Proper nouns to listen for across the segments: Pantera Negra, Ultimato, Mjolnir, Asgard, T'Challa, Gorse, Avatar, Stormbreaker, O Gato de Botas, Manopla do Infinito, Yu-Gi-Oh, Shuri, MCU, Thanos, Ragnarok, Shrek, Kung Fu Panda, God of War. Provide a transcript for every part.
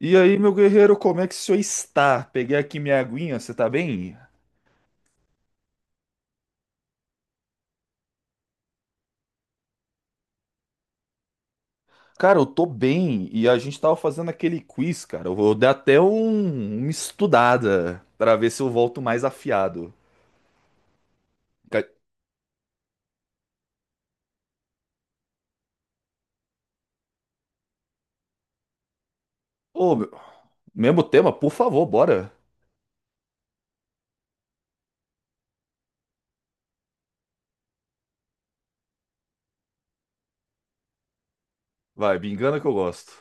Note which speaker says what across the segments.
Speaker 1: E aí, meu guerreiro, como é que o senhor está? Peguei aqui minha aguinha, você tá bem? Cara, eu tô bem e a gente tava fazendo aquele quiz, cara. Eu vou dar até uma estudada pra ver se eu volto mais afiado. Ca- Ô, meu- mesmo tema, por favor, bora. Vai, me engana que eu gosto.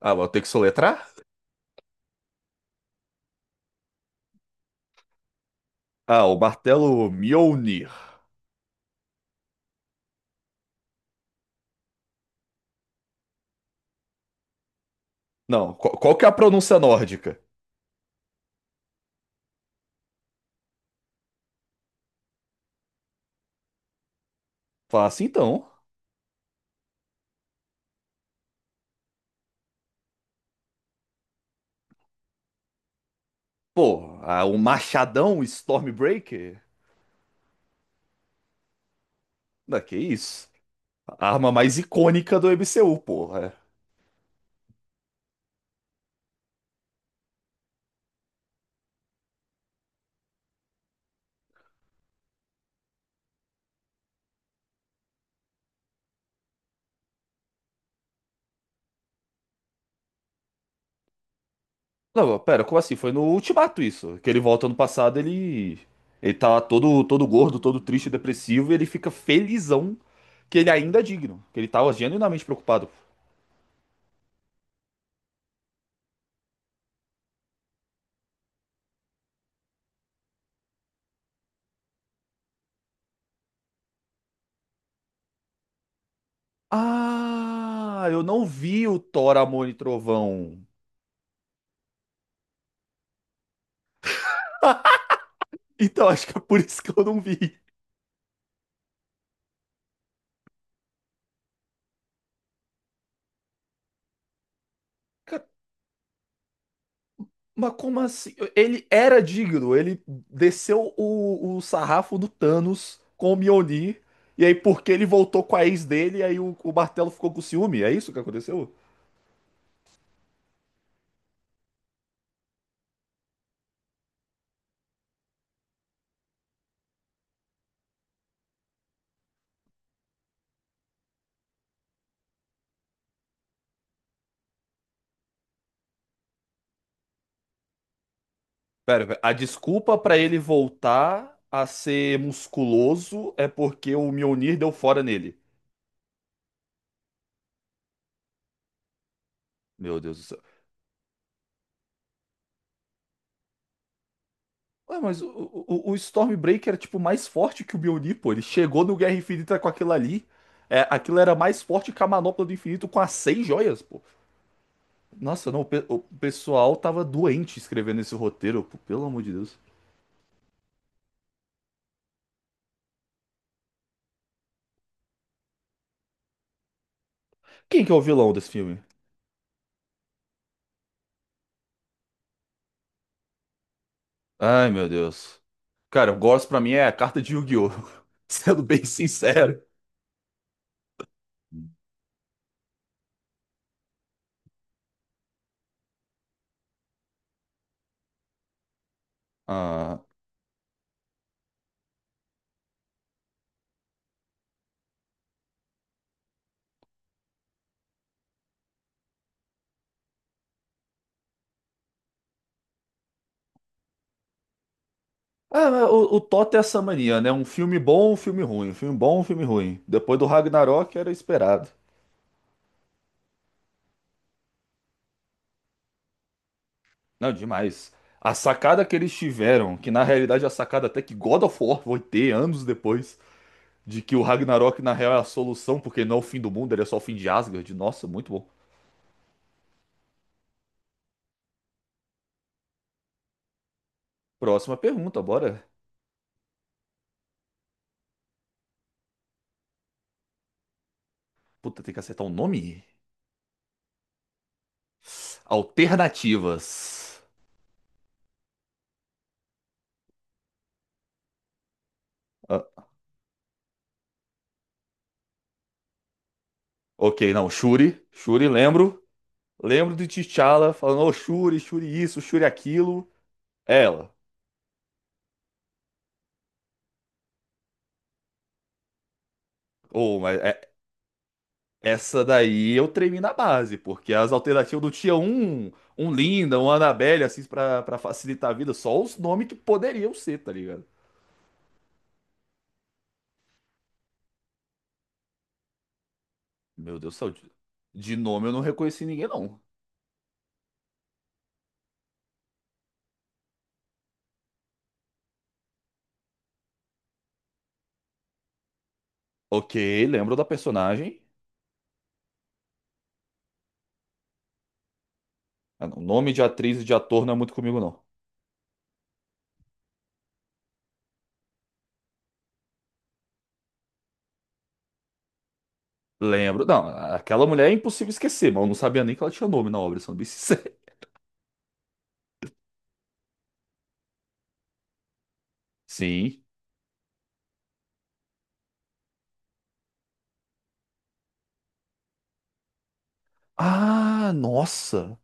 Speaker 1: Ah, vou ter que soletrar? Ah, o martelo Mjolnir. Não, qual que é a pronúncia nórdica? Fala assim então. Pô, ah, o machadão Stormbreaker? Da que isso? A arma mais icônica do MCU, porra. É. Não, pera, como assim? Foi no Ultimato isso. Que ele volta no passado, ele. Ele tá lá todo gordo, todo triste e depressivo, e ele fica felizão que ele ainda é digno. Que ele tava genuinamente preocupado. Ah, eu não vi o Thor, Amor e Trovão. Então acho que é por isso que eu não vi. Mas como assim? Ele era digno, ele desceu o sarrafo do Thanos com o Mjolnir, e aí porque ele voltou com a ex dele, e aí o martelo ficou com ciúme, é isso que aconteceu? Pera, a desculpa pra ele voltar a ser musculoso é porque o Mjolnir deu fora nele. Meu Deus do céu. Ué, mas o Stormbreaker era tipo mais forte que o Mjolnir, pô, ele chegou no Guerra Infinita com aquilo ali, é, aquilo era mais forte que a Manopla do Infinito com as seis joias, pô. Nossa, não, o pessoal tava doente escrevendo esse roteiro, pô, pelo amor de Deus. Quem que é o vilão desse filme? Ai, meu Deus. Cara, o Gorse pra mim é a carta de Yu-Gi-Oh! Sendo bem sincero. Ah, ah, mas o Toto é essa mania, né? Um filme bom, um filme ruim. Um filme bom, um filme ruim. Depois do Ragnarok era esperado. Não, demais. A sacada que eles tiveram, que na realidade é a sacada até que God of War vai ter anos depois, de que o Ragnarok na real é a solução, porque não é o fim do mundo, ele é só o fim de Asgard. Nossa, muito bom. Próxima pergunta, bora. Puta, tem que acertar um nome? Alternativas. Ah, ok, não. Shuri. Shuri, lembro. Lembro de T'Challa falando, ô Shuri, Shuri isso, Shuri aquilo. Ela. Ou, mas é- essa daí eu tremi na base, porque as alternativas do tinha um, um Linda, um Annabelle, assim, pra facilitar a vida, só os nomes que poderiam ser, tá ligado? Meu Deus do céu. De nome eu não reconheci ninguém, não. Ok, lembro da personagem. O nome de atriz e de ator não é muito comigo, não. Lembro. Não, aquela mulher é impossível esquecer, mas eu não sabia nem que ela tinha nome na obra, sendo bem sincero. Sim. Ah, nossa.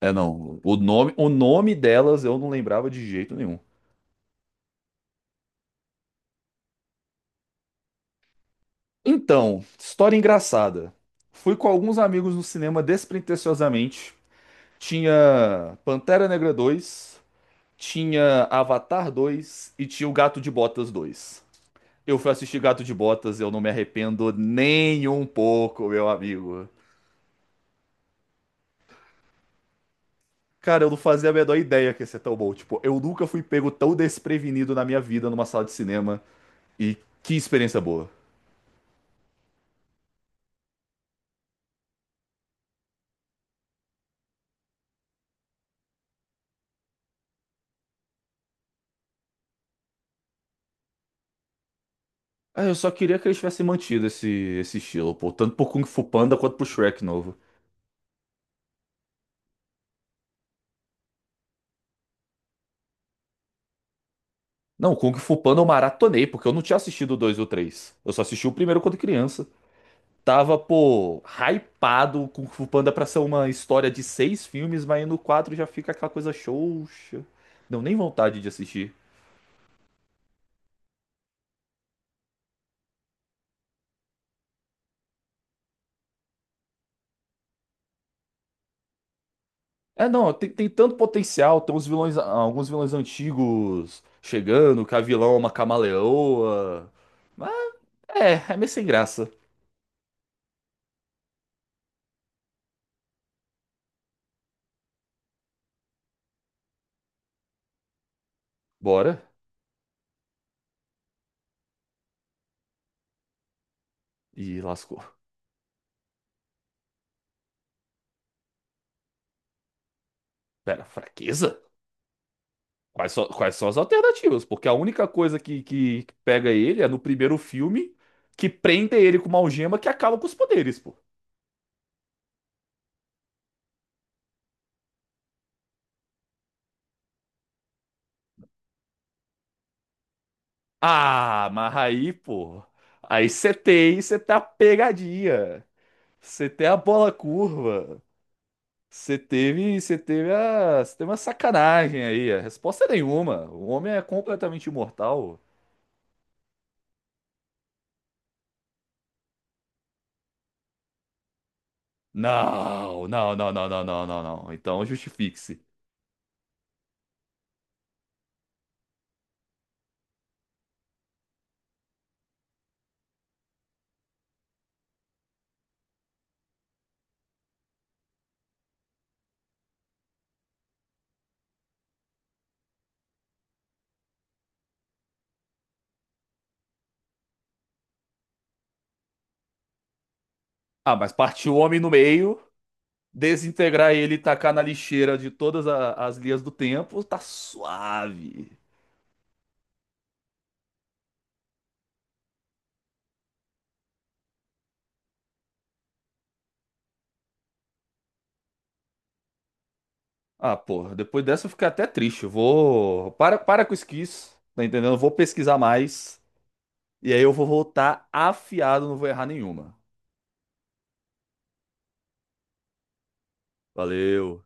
Speaker 1: É, não. O nome delas eu não lembrava de jeito nenhum. Então, história engraçada. Fui com alguns amigos no cinema despretensiosamente. Tinha Pantera Negra 2, tinha Avatar 2 e tinha O Gato de Botas 2. Eu fui assistir Gato de Botas, eu não me arrependo nem um pouco, meu amigo. Cara, eu não fazia a menor ideia que ia ser tão bom. Tipo, eu nunca fui pego tão desprevenido na minha vida numa sala de cinema. E que experiência boa. Ah, eu só queria que eles tivessem mantido esse estilo, pô. Tanto pro Kung Fu Panda quanto pro Shrek novo. Não, Kung Fu Panda eu maratonei, porque eu não tinha assistido o 2 ou o 3. Eu só assisti o primeiro quando criança. Tava, pô, hypado com Fu Panda pra ser uma história de seis filmes, mas aí no quatro já fica aquela coisa xoxa. Deu nem vontade de assistir. É, não, tem tanto potencial, tem uns vilões, ah, alguns vilões antigos chegando, que a vilã é uma camaleoa. Mas é meio sem graça. Bora. E lascou. Pera, fraqueza? Quais são as alternativas? Porque a única coisa que que pega ele é no primeiro filme que prende ele com uma algema que acaba com os poderes, pô. Ah, mas aí, pô. Aí você tem, você tá pegadinha. Você tem a bola curva. Você teve uma sacanagem aí. A resposta é nenhuma. O homem é completamente imortal. Não. Então justifique-se. Ah, mas partir o homem no meio, desintegrar ele e tacar na lixeira de as linhas do tempo, tá suave. Ah, porra, depois dessa eu fiquei até triste. Eu vou. Para com isso, que isso, tá entendendo? Eu vou pesquisar mais. E aí eu vou voltar afiado, não vou errar nenhuma. Valeu.